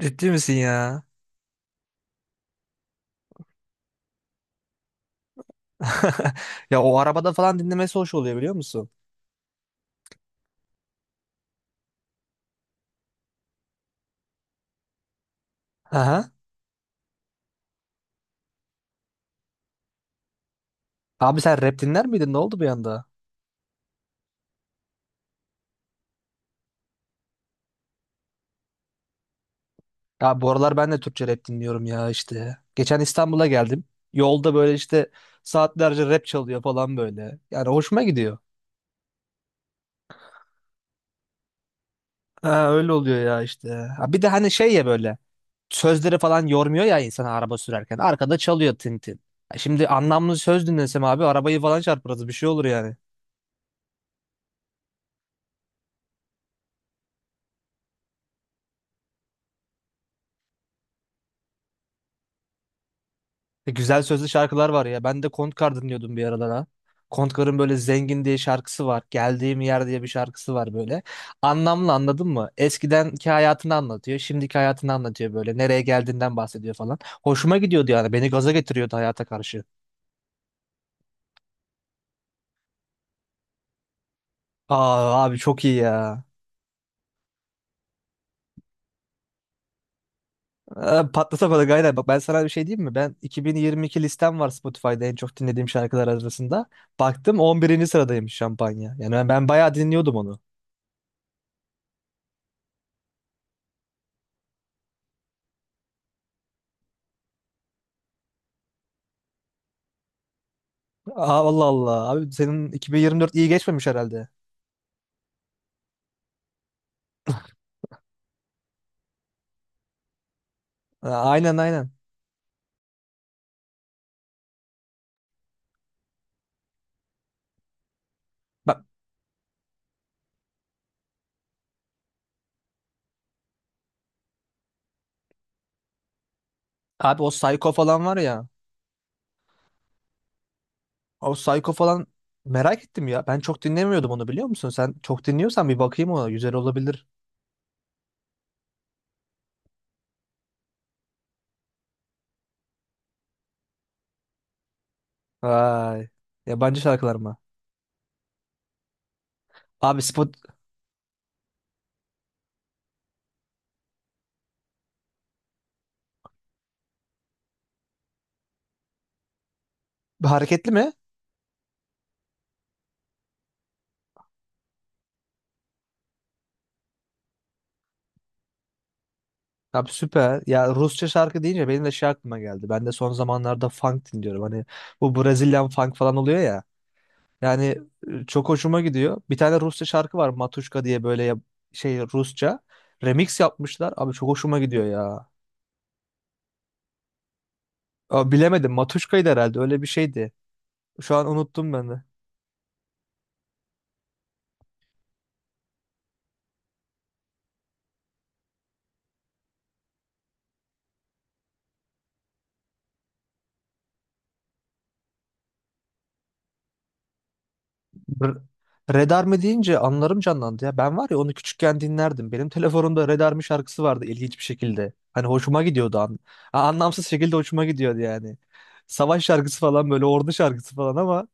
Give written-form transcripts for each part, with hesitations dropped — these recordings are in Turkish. Ciddi misin ya? Ya o arabada falan dinlemesi hoş oluyor biliyor musun? Aha. Abi sen rap dinler miydin? Ne oldu bir anda? Ya bu aralar ben de Türkçe rap dinliyorum ya işte. Geçen İstanbul'a geldim. Yolda böyle işte saatlerce rap çalıyor falan böyle. Yani hoşuma gidiyor. Ha, öyle oluyor ya işte. Ha, bir de hani şey ya böyle sözleri falan yormuyor ya insan araba sürerken. Arkada çalıyor Tintin. Şimdi anlamlı söz dinlesem abi arabayı falan çarparız bir şey olur yani. Güzel sözlü şarkılar var ya. Ben de Kontkar dinliyordum bir aralar ha. Kontkar'ın böyle Zengin diye şarkısı var. Geldiğim Yer diye bir şarkısı var böyle. Anlamlı anladın mı? Eskidenki hayatını anlatıyor. Şimdiki hayatını anlatıyor böyle. Nereye geldiğinden bahsediyor falan. Hoşuma gidiyordu yani. Beni gaza getiriyordu hayata karşı. Aa, abi çok iyi ya. Ee, patlatamadık aynen. Bak ben sana bir şey diyeyim mi? Ben 2022 listem var Spotify'da en çok dinlediğim şarkılar arasında. Baktım 11. sıradaymış Şampanya. Yani ben bayağı dinliyordum onu. Aa, Allah Allah. Abi senin 2024 iyi geçmemiş herhalde. Ha, aynen aynen. Bak abi o Psycho falan var ya. O Psycho falan merak ettim ya. Ben çok dinlemiyordum onu biliyor musun? Sen çok dinliyorsan bir bakayım ona. Güzel olabilir. Vay. Yabancı şarkılar mı? Abi spot hareketli mi? Abi süper. Ya Rusça şarkı deyince benim de şey aklıma geldi. Ben de son zamanlarda funk dinliyorum. Hani bu Brazilian funk falan oluyor ya. Yani çok hoşuma gidiyor. Bir tane Rusça şarkı var Matuşka diye böyle ya- şey Rusça. Remix yapmışlar. Abi çok hoşuma gidiyor ya. Abi bilemedim Matuşka'ydı herhalde öyle bir şeydi. Şu an unuttum ben de. Br- Red Army deyince anılarım canlandı ya. Ben var ya onu küçükken dinlerdim. Benim telefonumda Red Army şarkısı vardı ilginç bir şekilde. Hani hoşuma gidiyordu. Anlamsız şekilde hoşuma gidiyordu yani. Savaş şarkısı falan böyle ordu şarkısı falan ama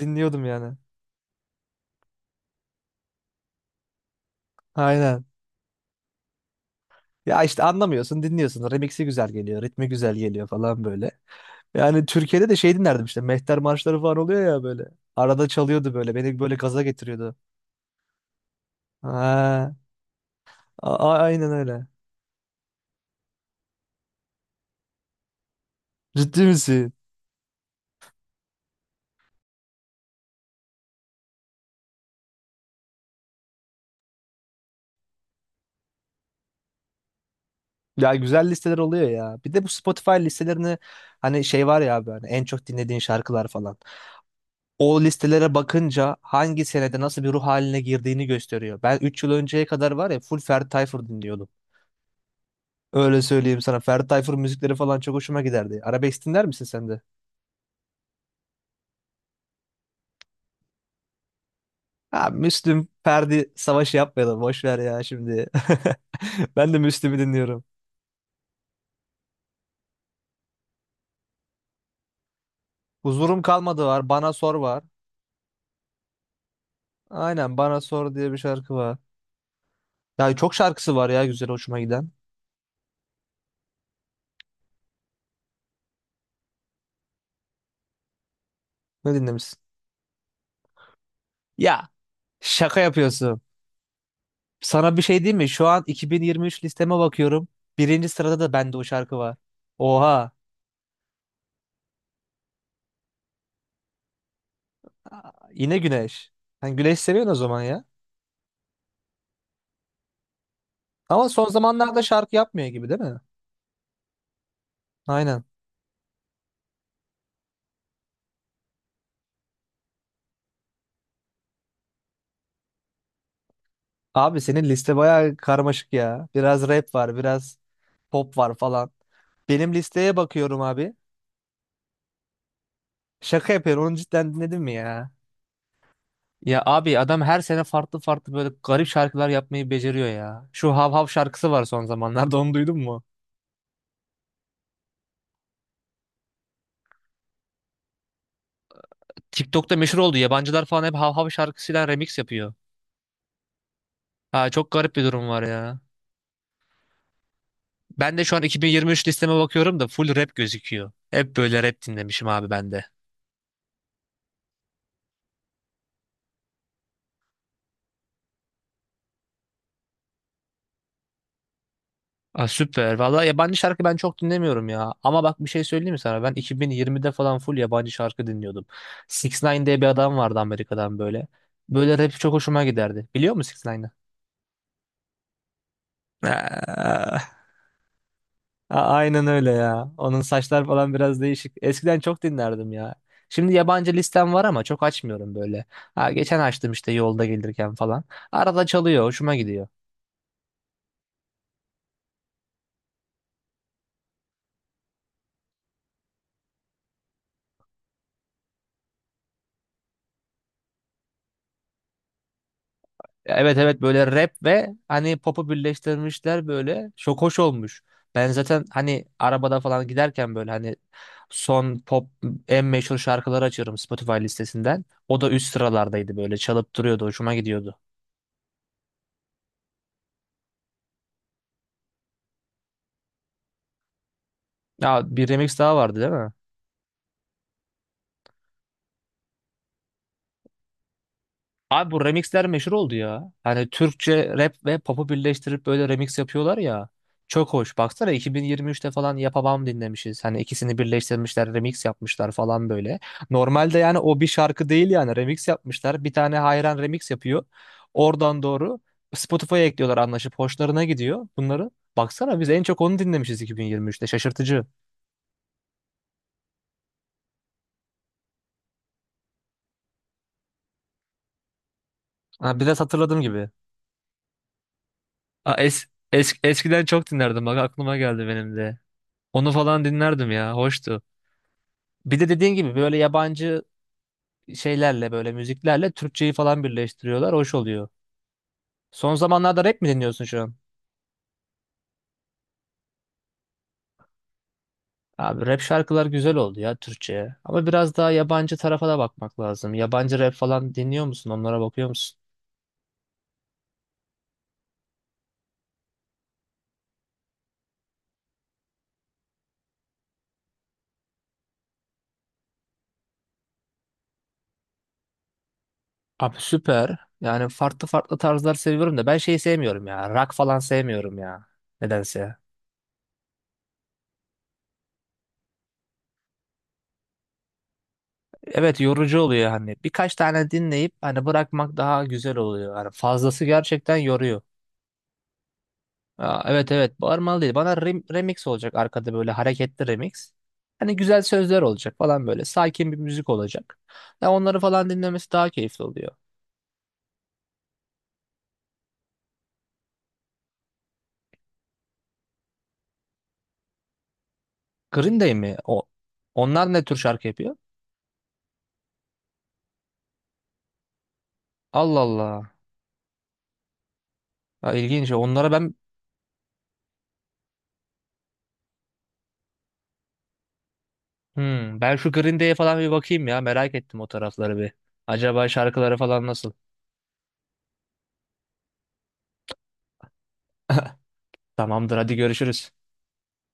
dinliyordum yani. Aynen. Ya işte anlamıyorsun, dinliyorsun. Remix'i güzel geliyor, ritmi güzel geliyor falan böyle. Yani Türkiye'de de şey dinlerdim işte. Mehter marşları falan oluyor ya böyle. Arada çalıyordu böyle. Beni böyle gaza getiriyordu. Ha, aynen öyle. Ciddi misin? Ya güzel listeler oluyor ya. Bir de bu Spotify listelerini hani şey var ya abi hani en çok dinlediğin şarkılar falan. O listelere bakınca hangi senede nasıl bir ruh haline girdiğini gösteriyor. Ben 3 yıl önceye kadar var ya full Ferdi Tayfur dinliyordum. Öyle söyleyeyim sana. Ferdi Tayfur müzikleri falan çok hoşuma giderdi. Arabesk dinler misin sen de? Ha, Müslüm, Ferdi savaşı yapmayalım. Boş ver ya şimdi. Ben de Müslüm'ü dinliyorum. Huzurum kalmadı var. Bana sor var. Aynen, Bana Sor diye bir şarkı var. Ya çok şarkısı var ya güzel hoşuma giden. Ne dinlemişsin? Ya şaka yapıyorsun. Sana bir şey diyeyim mi? Şu an 2023 listeme bakıyorum. Birinci sırada da bende o şarkı var. Oha. Aa, yine Güneş. Sen Güneş seviyorsun o zaman ya. Ama son zamanlarda şarkı yapmıyor gibi değil mi? Aynen. Abi senin liste bayağı karmaşık ya. Biraz rap var, biraz pop var falan. Benim listeye bakıyorum abi. Şaka yapıyorum. Onu cidden dinledin mi ya? Ya abi adam her sene farklı farklı böyle garip şarkılar yapmayı beceriyor ya. Şu Hav Hav şarkısı var son zamanlarda onu duydun mu? TikTok'ta meşhur oldu. Yabancılar falan hep Hav Hav şarkısıyla remix yapıyor. Ha, çok garip bir durum var ya. Ben de şu an 2023 listeme bakıyorum da full rap gözüküyor. Hep böyle rap dinlemişim abi ben de. Aa, süper. Vallahi yabancı şarkı ben çok dinlemiyorum ya. Ama bak bir şey söyleyeyim mi sana? Ben 2020'de falan full yabancı şarkı dinliyordum. Six ix diye bir adam vardı Amerika'dan böyle. Böyle rap çok hoşuma giderdi. Biliyor musun Six ix. Aa, aynen öyle ya. Onun saçlar falan biraz değişik. Eskiden çok dinlerdim ya. Şimdi yabancı listem var ama çok açmıyorum böyle. Ha, geçen açtım işte yolda gelirken falan. Arada çalıyor, hoşuma gidiyor. Evet evet böyle rap ve hani pop'u birleştirmişler böyle. Çok hoş olmuş. Ben zaten hani arabada falan giderken böyle hani son pop en meşhur şarkıları açıyorum Spotify listesinden. O da üst sıralardaydı böyle çalıp duruyordu hoşuma gidiyordu. Ya bir remix daha vardı değil mi? Abi bu remixler meşhur oldu ya. Hani Türkçe rap ve pop'u birleştirip böyle remix yapıyorlar ya. Çok hoş. Baksana 2023'te falan Yapamam dinlemişiz. Hani ikisini birleştirmişler, remix yapmışlar falan böyle. Normalde yani o bir şarkı değil yani remix yapmışlar. Bir tane hayran remix yapıyor. Oradan doğru Spotify'a ekliyorlar anlaşıp hoşlarına gidiyor bunları. Baksana biz en çok onu dinlemişiz 2023'te. Şaşırtıcı. Ha, bir de hatırladığım gibi. Ha, eskiden çok dinlerdim. Bak aklıma geldi benim de. Onu falan dinlerdim ya. Hoştu. Bir de dediğin gibi böyle yabancı şeylerle böyle müziklerle Türkçeyi falan birleştiriyorlar. Hoş oluyor. Son zamanlarda rap mi dinliyorsun şu an? Abi rap şarkılar güzel oldu ya Türkçe'ye. Ama biraz daha yabancı tarafa da bakmak lazım. Yabancı rap falan dinliyor musun? Onlara bakıyor musun? Abi süper. Yani farklı farklı tarzlar seviyorum da ben şeyi sevmiyorum ya. Rock falan sevmiyorum ya. Nedense. Evet yorucu oluyor hani. Birkaç tane dinleyip hani bırakmak daha güzel oluyor. Hani fazlası gerçekten yoruyor. Aa, evet evet bağırmalı değil. Bana remix olacak arkada böyle hareketli remix. Hani güzel sözler olacak falan böyle. Sakin bir müzik olacak. Ya onları falan dinlemesi daha keyifli oluyor. Green Day mi? O, onlar ne tür şarkı yapıyor? Allah Allah. Ya, ilginç. Onlara ben. Hmm, ben şu Green Day'e falan bir bakayım ya. Merak ettim o tarafları bir. Acaba şarkıları falan nasıl? Tamamdır hadi görüşürüz.